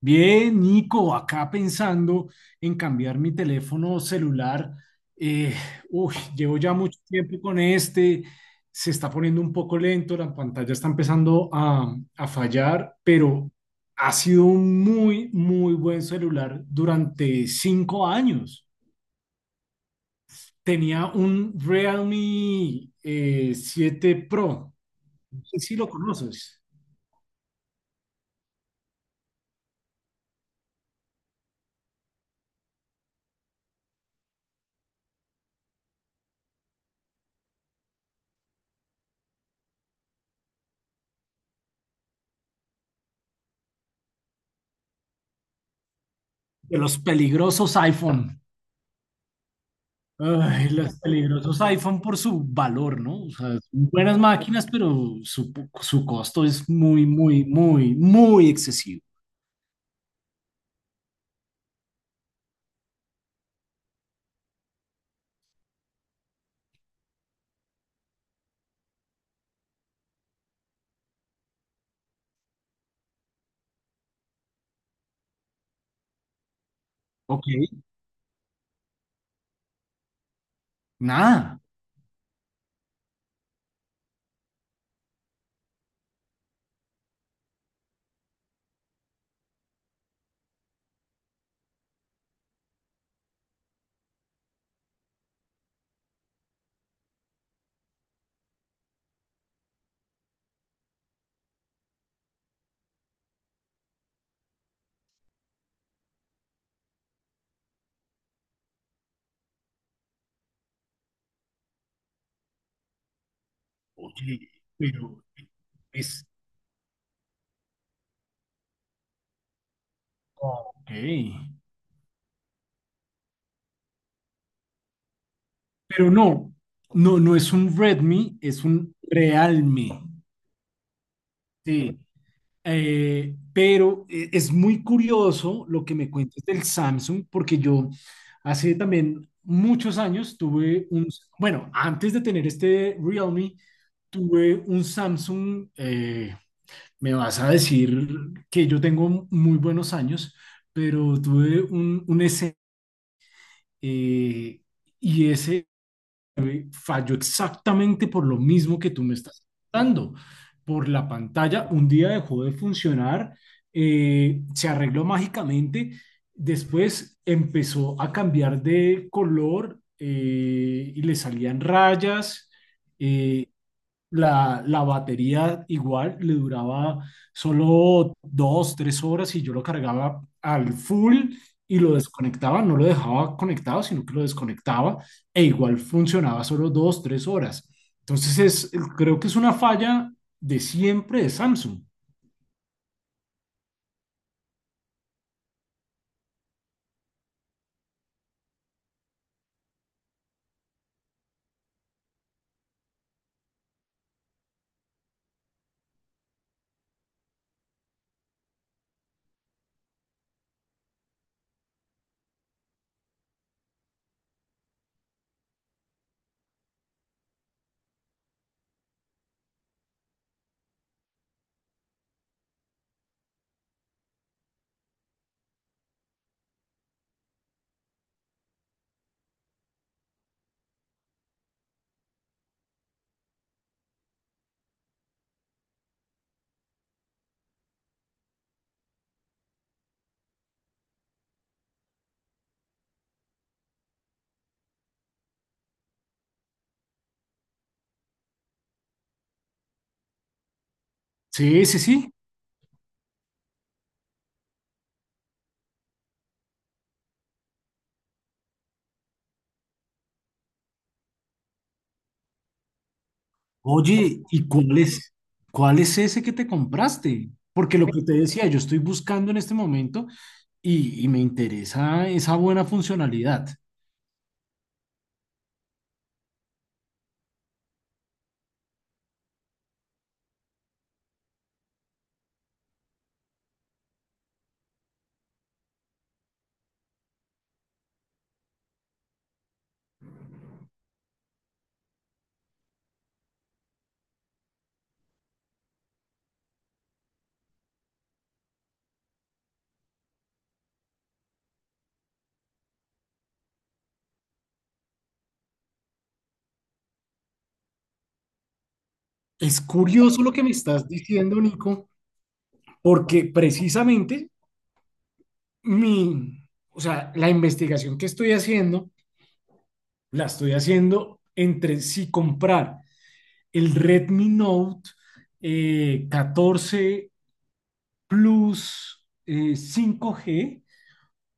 Bien, Nico, acá pensando en cambiar mi teléfono celular. Eh, Llevo ya mucho tiempo con este, se está poniendo un poco lento, la pantalla está empezando a fallar, pero ha sido un muy, muy buen celular durante 5 años. Tenía un Realme 7 Pro, no sé si lo conoces, de los peligrosos iPhone. Ay, las peligrosas iPhone por su valor, ¿no? O sea, son buenas máquinas, pero su costo es muy, muy, muy, muy excesivo. Ok, nada. Ok, pero es... Ok. Pero no, no, no es un Redmi, es un Realme. Sí. Es muy curioso lo que me cuentas del Samsung, porque yo hace también muchos años tuve bueno, antes de tener este Realme, tuve un Samsung, me vas a decir que yo tengo muy buenos años, pero tuve un S, eh, y ese me falló exactamente por lo mismo que tú me estás dando. Por la pantalla, un día dejó de funcionar, se arregló mágicamente, después empezó a cambiar de color y le salían rayas. eh, la batería igual le duraba solo dos, tres horas y yo lo cargaba al full y lo desconectaba, no lo dejaba conectado, sino que lo desconectaba e igual funcionaba solo dos, tres horas. Entonces es, creo que es una falla de siempre de Samsung. Sí, sí, sí. Oye, ¿cuál es ese que te compraste? Porque lo que te decía, yo estoy buscando en este momento y me interesa esa buena funcionalidad. Es curioso lo que me estás diciendo, Nico, porque precisamente mi, o sea, la investigación que estoy haciendo, la estoy haciendo entre si comprar el Redmi Note 14 Plus 5G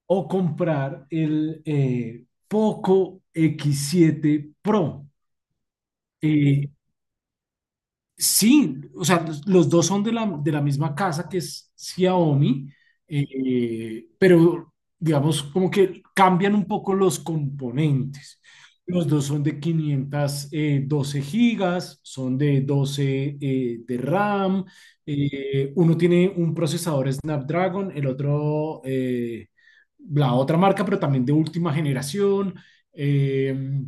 o comprar el Poco x siete Pro. Eh, Sí, o sea, los dos son de de la misma casa que es Xiaomi, pero digamos como que cambian un poco los componentes. Los dos son de 512 GB, son de 12 de RAM, uno tiene un procesador Snapdragon, el otro, la otra marca, pero también de última generación. em,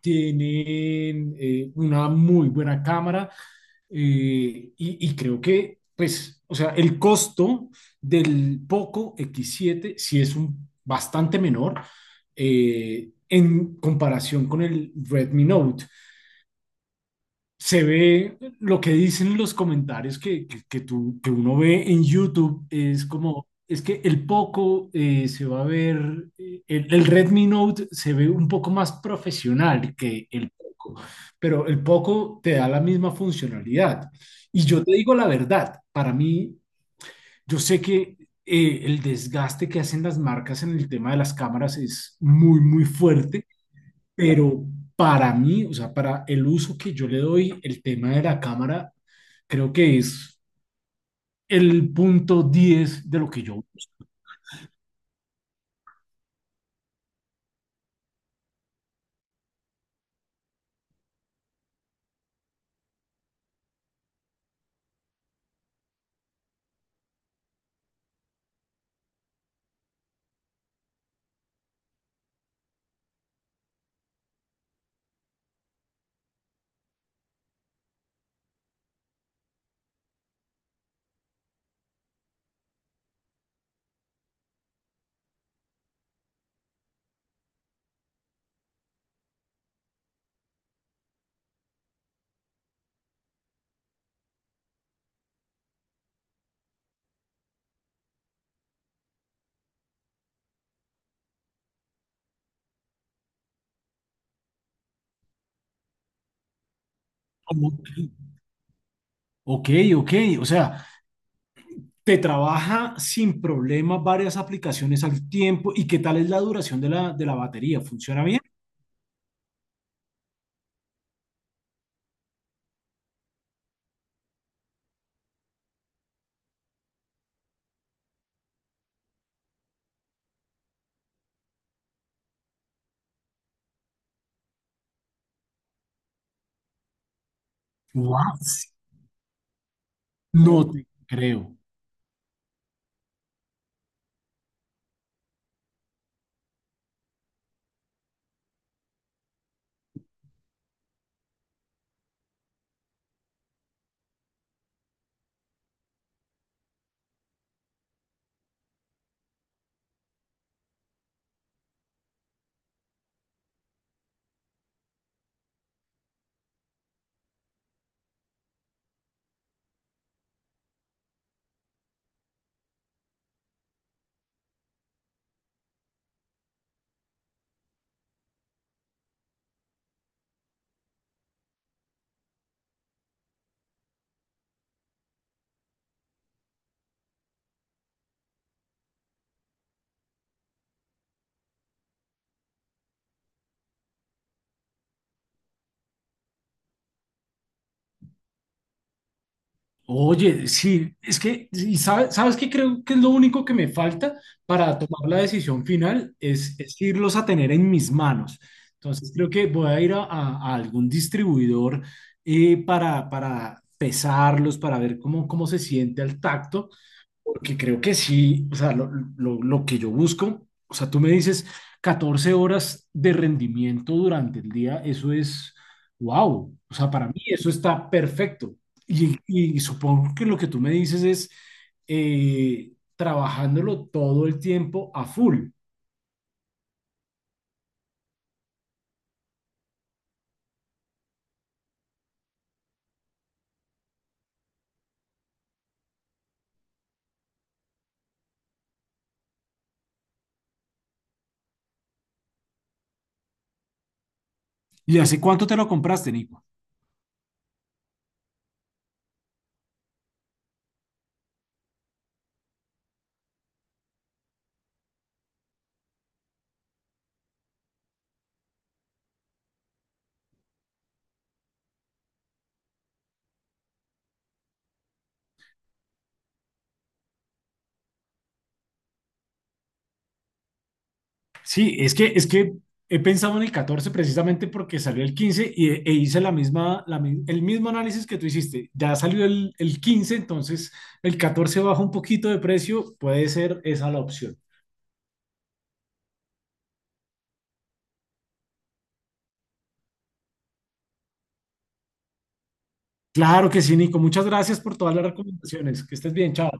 Tienen una muy buena cámara y creo que, pues, o sea, el costo del Poco x siete sí es un bastante menor en comparación con el Redmi Note. Se ve lo que dicen los comentarios que, que uno ve en YouTube, es como, es que el Poco se va a ver, el Redmi Note se ve un poco más profesional que el Poco, pero el Poco te da la misma funcionalidad. Y yo te digo la verdad, para mí, yo sé que el desgaste que hacen las marcas en el tema de las cámaras es muy, muy fuerte, pero para mí, o sea, para el uso que yo le doy, el tema de la cámara, creo que es el punto 10 de lo que yo... Ok, ok, o sea, te trabaja sin problema varias aplicaciones al tiempo. ¿Y qué tal es la duración de de la batería? ¿Funciona bien? What? No te creo. Oye, sí, es que, sí, ¿sabes qué creo que es lo único que me falta para tomar la decisión final? Es irlos a tener en mis manos. Entonces creo que voy a ir a algún distribuidor para pesarlos, para ver cómo, cómo se siente al tacto. Porque creo que sí, o sea, lo que yo busco, o sea, tú me dices 14 horas de rendimiento durante el día, eso es, wow, o sea, para mí eso está perfecto. Y supongo que lo que tú me dices es trabajándolo todo el tiempo a full. ¿Y hace cuánto te lo compraste, Nico? Sí, es que he pensado en el 14 precisamente porque salió el 15 y, e hice la misma, el mismo análisis que tú hiciste. Ya salió el 15, entonces el 14 baja un poquito de precio, puede ser esa la opción. Claro que sí, Nico. Muchas gracias por todas las recomendaciones. Que estés bien, chao.